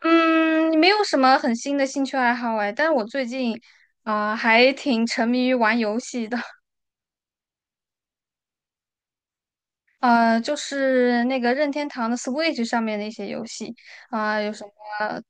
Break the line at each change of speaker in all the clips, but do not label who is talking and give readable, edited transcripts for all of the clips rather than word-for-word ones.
嗯，没有什么很新的兴趣爱好哎，但是我最近，啊还挺沉迷于玩游戏的，就是那个任天堂的 Switch 上面的一些游戏，啊、有什么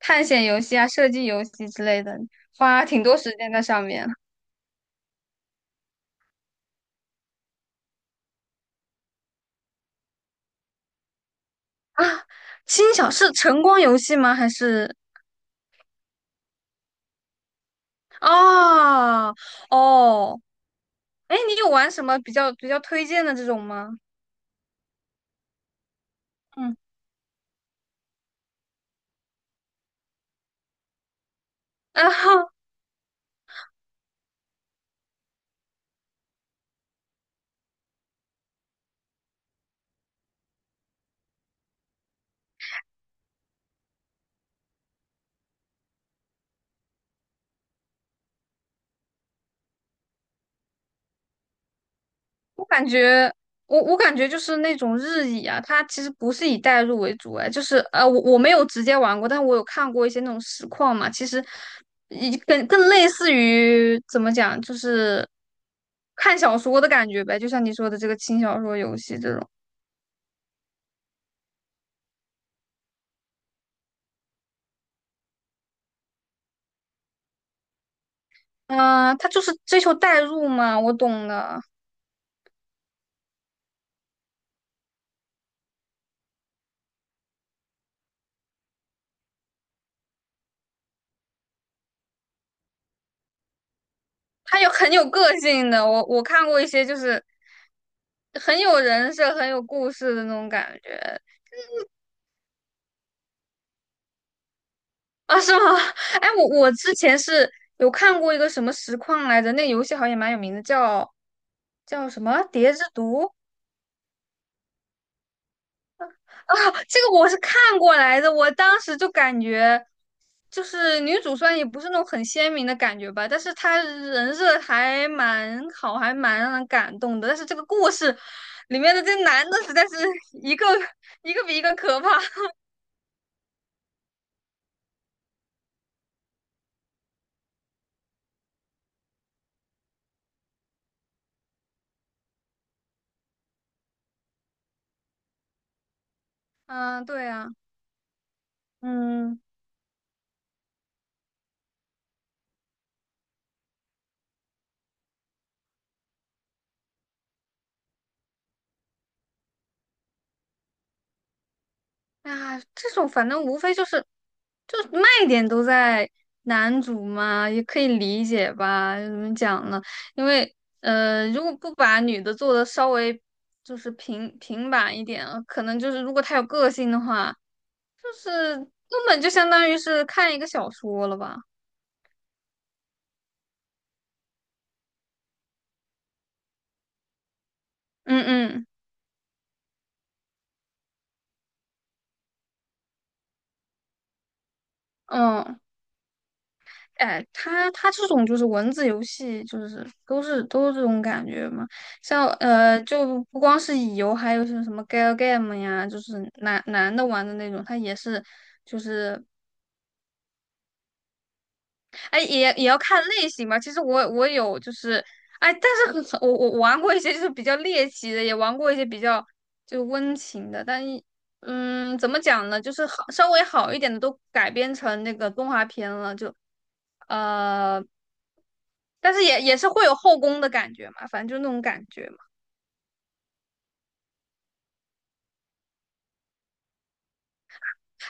探险游戏啊、射击游戏之类的，花挺多时间在上面啊。轻小是晨光游戏吗？还是哦哦，哎，你有玩什么比较推荐的这种吗？嗯啊，我感觉，我感觉就是那种日乙啊，它其实不是以代入为主，哎，就是我没有直接玩过，但我有看过一些那种实况嘛，其实一更类似于怎么讲，就是看小说的感觉呗，就像你说的这个轻小说游戏这种，嗯、他就是追求代入嘛，我懂的，他有很有个性的，我看过一些就是很有人设、很有故事的那种感觉，啊，是吗？哎，我之前是有看过一个什么实况来着，那个游戏好像也蛮有名的，叫什么《蝶之毒》啊。这个我是看过来的，我当时就感觉，就是女主虽然也不是那种很鲜明的感觉吧，但是她人设还蛮好，还蛮让人感动的。但是这个故事里面的这男的实在是 一个一个比一个可怕。嗯，对啊，嗯。啊，这种反正无非就是卖点都在男主嘛，也可以理解吧？怎么讲呢？因为如果不把女的做的稍微就是平平板一点，可能就是如果她有个性的话，就是根本就相当于是看一个小说了吧？嗯嗯嗯。哎，它这种就是文字游戏，就是都是这种感觉嘛。像就不光是乙游，还有像什么 Gal Game 呀，就是男男的玩的那种，它也是就是哎，也要看类型吧。其实我有就是，哎，但是很我玩过一些就是比较猎奇的，也玩过一些比较就温情的，但一嗯，怎么讲呢？就是好稍微好一点的都改编成那个动画片了，就呃，但是也是会有后宫的感觉嘛，反正就那种感觉。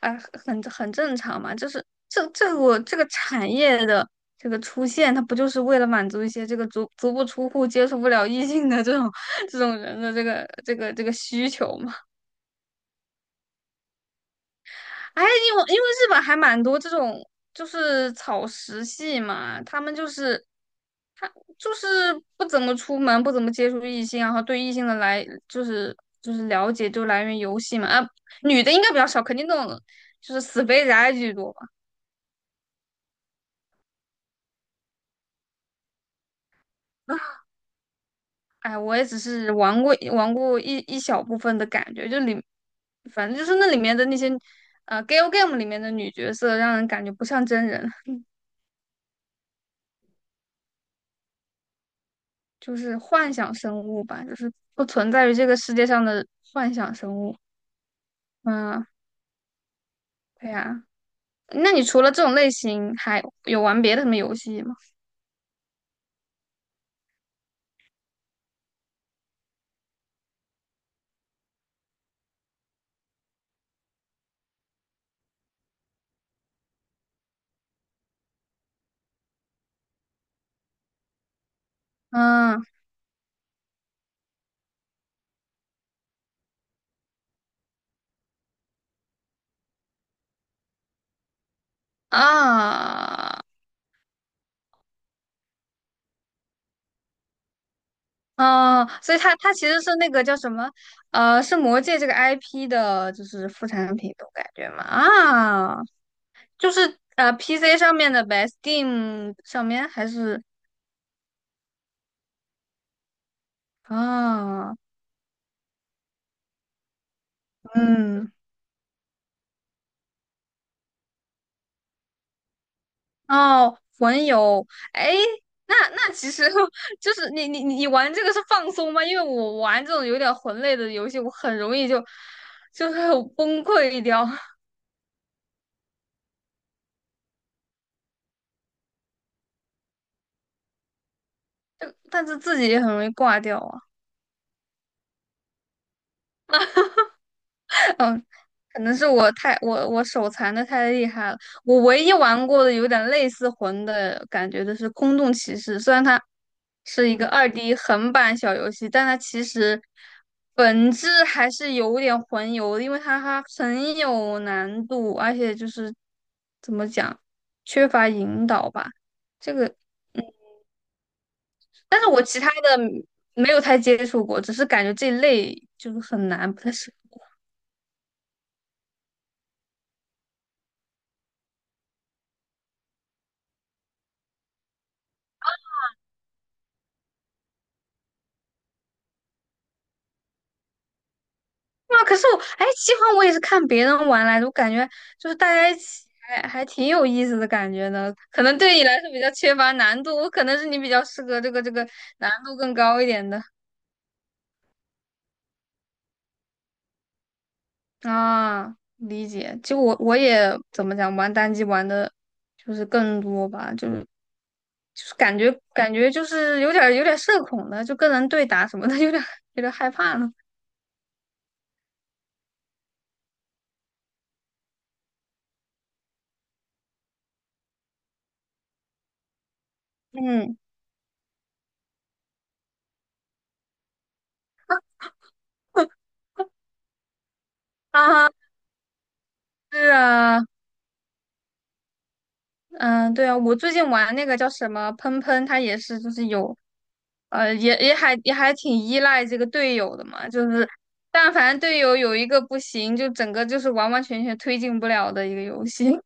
啊，很正常嘛，就是这我这个产业的这个出现，它不就是为了满足一些这个足足不出户、接触不了异性的这种这种人的这个需求嘛？哎，因为日本还蛮多这种就是草食系嘛，他们就是不怎么出门，不怎么接触异性，然后对异性的来就是了解就来源游戏嘛，啊，女的应该比较少，肯定那种就是死肥宅居多吧。哎，我也只是玩过一小部分的感觉，就里，反正就是那里面的那些，Gal Game 里面的女角色，让人感觉不像真人，就是幻想生物吧，就是不存在于这个世界上的幻想生物。嗯，对呀。那你除了这种类型，还有玩别的什么游戏吗？嗯啊啊，所以它其实是那个叫什么，是魔界这个 IP 的，就是副产品，我感觉嘛啊。就是PC 上面的呗，Steam 上面还是啊，嗯，哦，魂游，哎，那其实 就是你玩这个是放松吗？因为我玩这种有点魂类的游戏，我很容易就是崩溃掉，但是自己也很容易挂掉啊。可能是我手残的太厉害了。我唯一玩过的有点类似魂的感觉的是《空洞骑士》，虽然它是一个 2D 横版小游戏，但它其实本质还是有点魂游的因为它很有难度，而且就是怎么讲，缺乏引导吧。这个，但是我其他的没有太接触过，只是感觉这类就是很难，不太适哇，可是我，哎，饥荒我也是看别人玩来的，我感觉就是大家一起还挺有意思的感觉呢。可能对你来说比较缺乏难度，我可能是你比较适合这个难度更高一点的啊。理解，就我也怎么讲，玩单机玩的就是更多吧，就是感觉就是有点儿社恐的，就跟人对打什么的，有点儿害怕了。嗯 啊，是啊。嗯，对啊，我最近玩那个叫什么喷喷，它也是就是有，也还挺依赖这个队友的嘛，就是但凡队友有一个不行，就整个就是完完全全推进不了的一个游戏。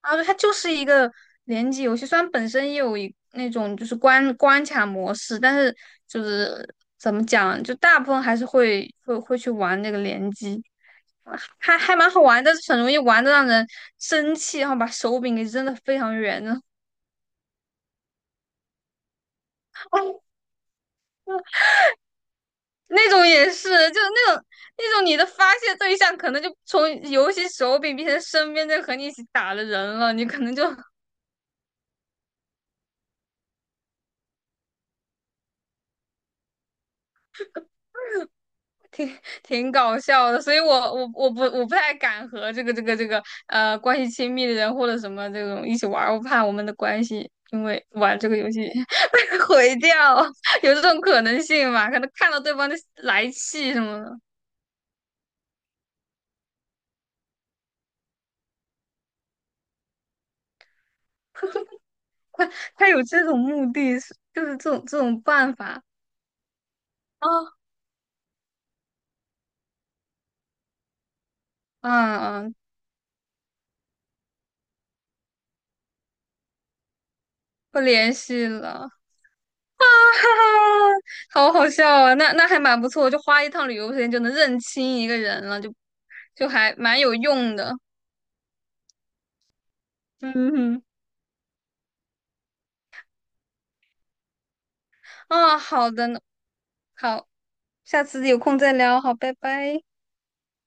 啊，后它就是一个联机游戏，虽然本身也有一那种就是关卡模式，但是就是怎么讲，就大部分还是会去玩那个联机。还蛮好玩，但是很容易玩的让人生气，然后把手柄给扔的非常远，那种也是，就是那种你的发泄对象可能就从游戏手柄变成身边在和你一起打的人了，你可能就 挺搞笑的。所以我不我不太敢和这个关系亲密的人或者什么这种一起玩儿我怕我们的关系因为玩这个游戏 被毁掉，有这种可能性嘛？可能看到对方就来气什么的，他他有这种目的，就是这种办法啊，嗯嗯，不联系了。哈哈，好好笑啊！那还蛮不错，就花一趟旅游时间就能认清一个人了，就还蛮有用的。嗯哼，啊，好的呢，好，下次有空再聊，好，拜拜。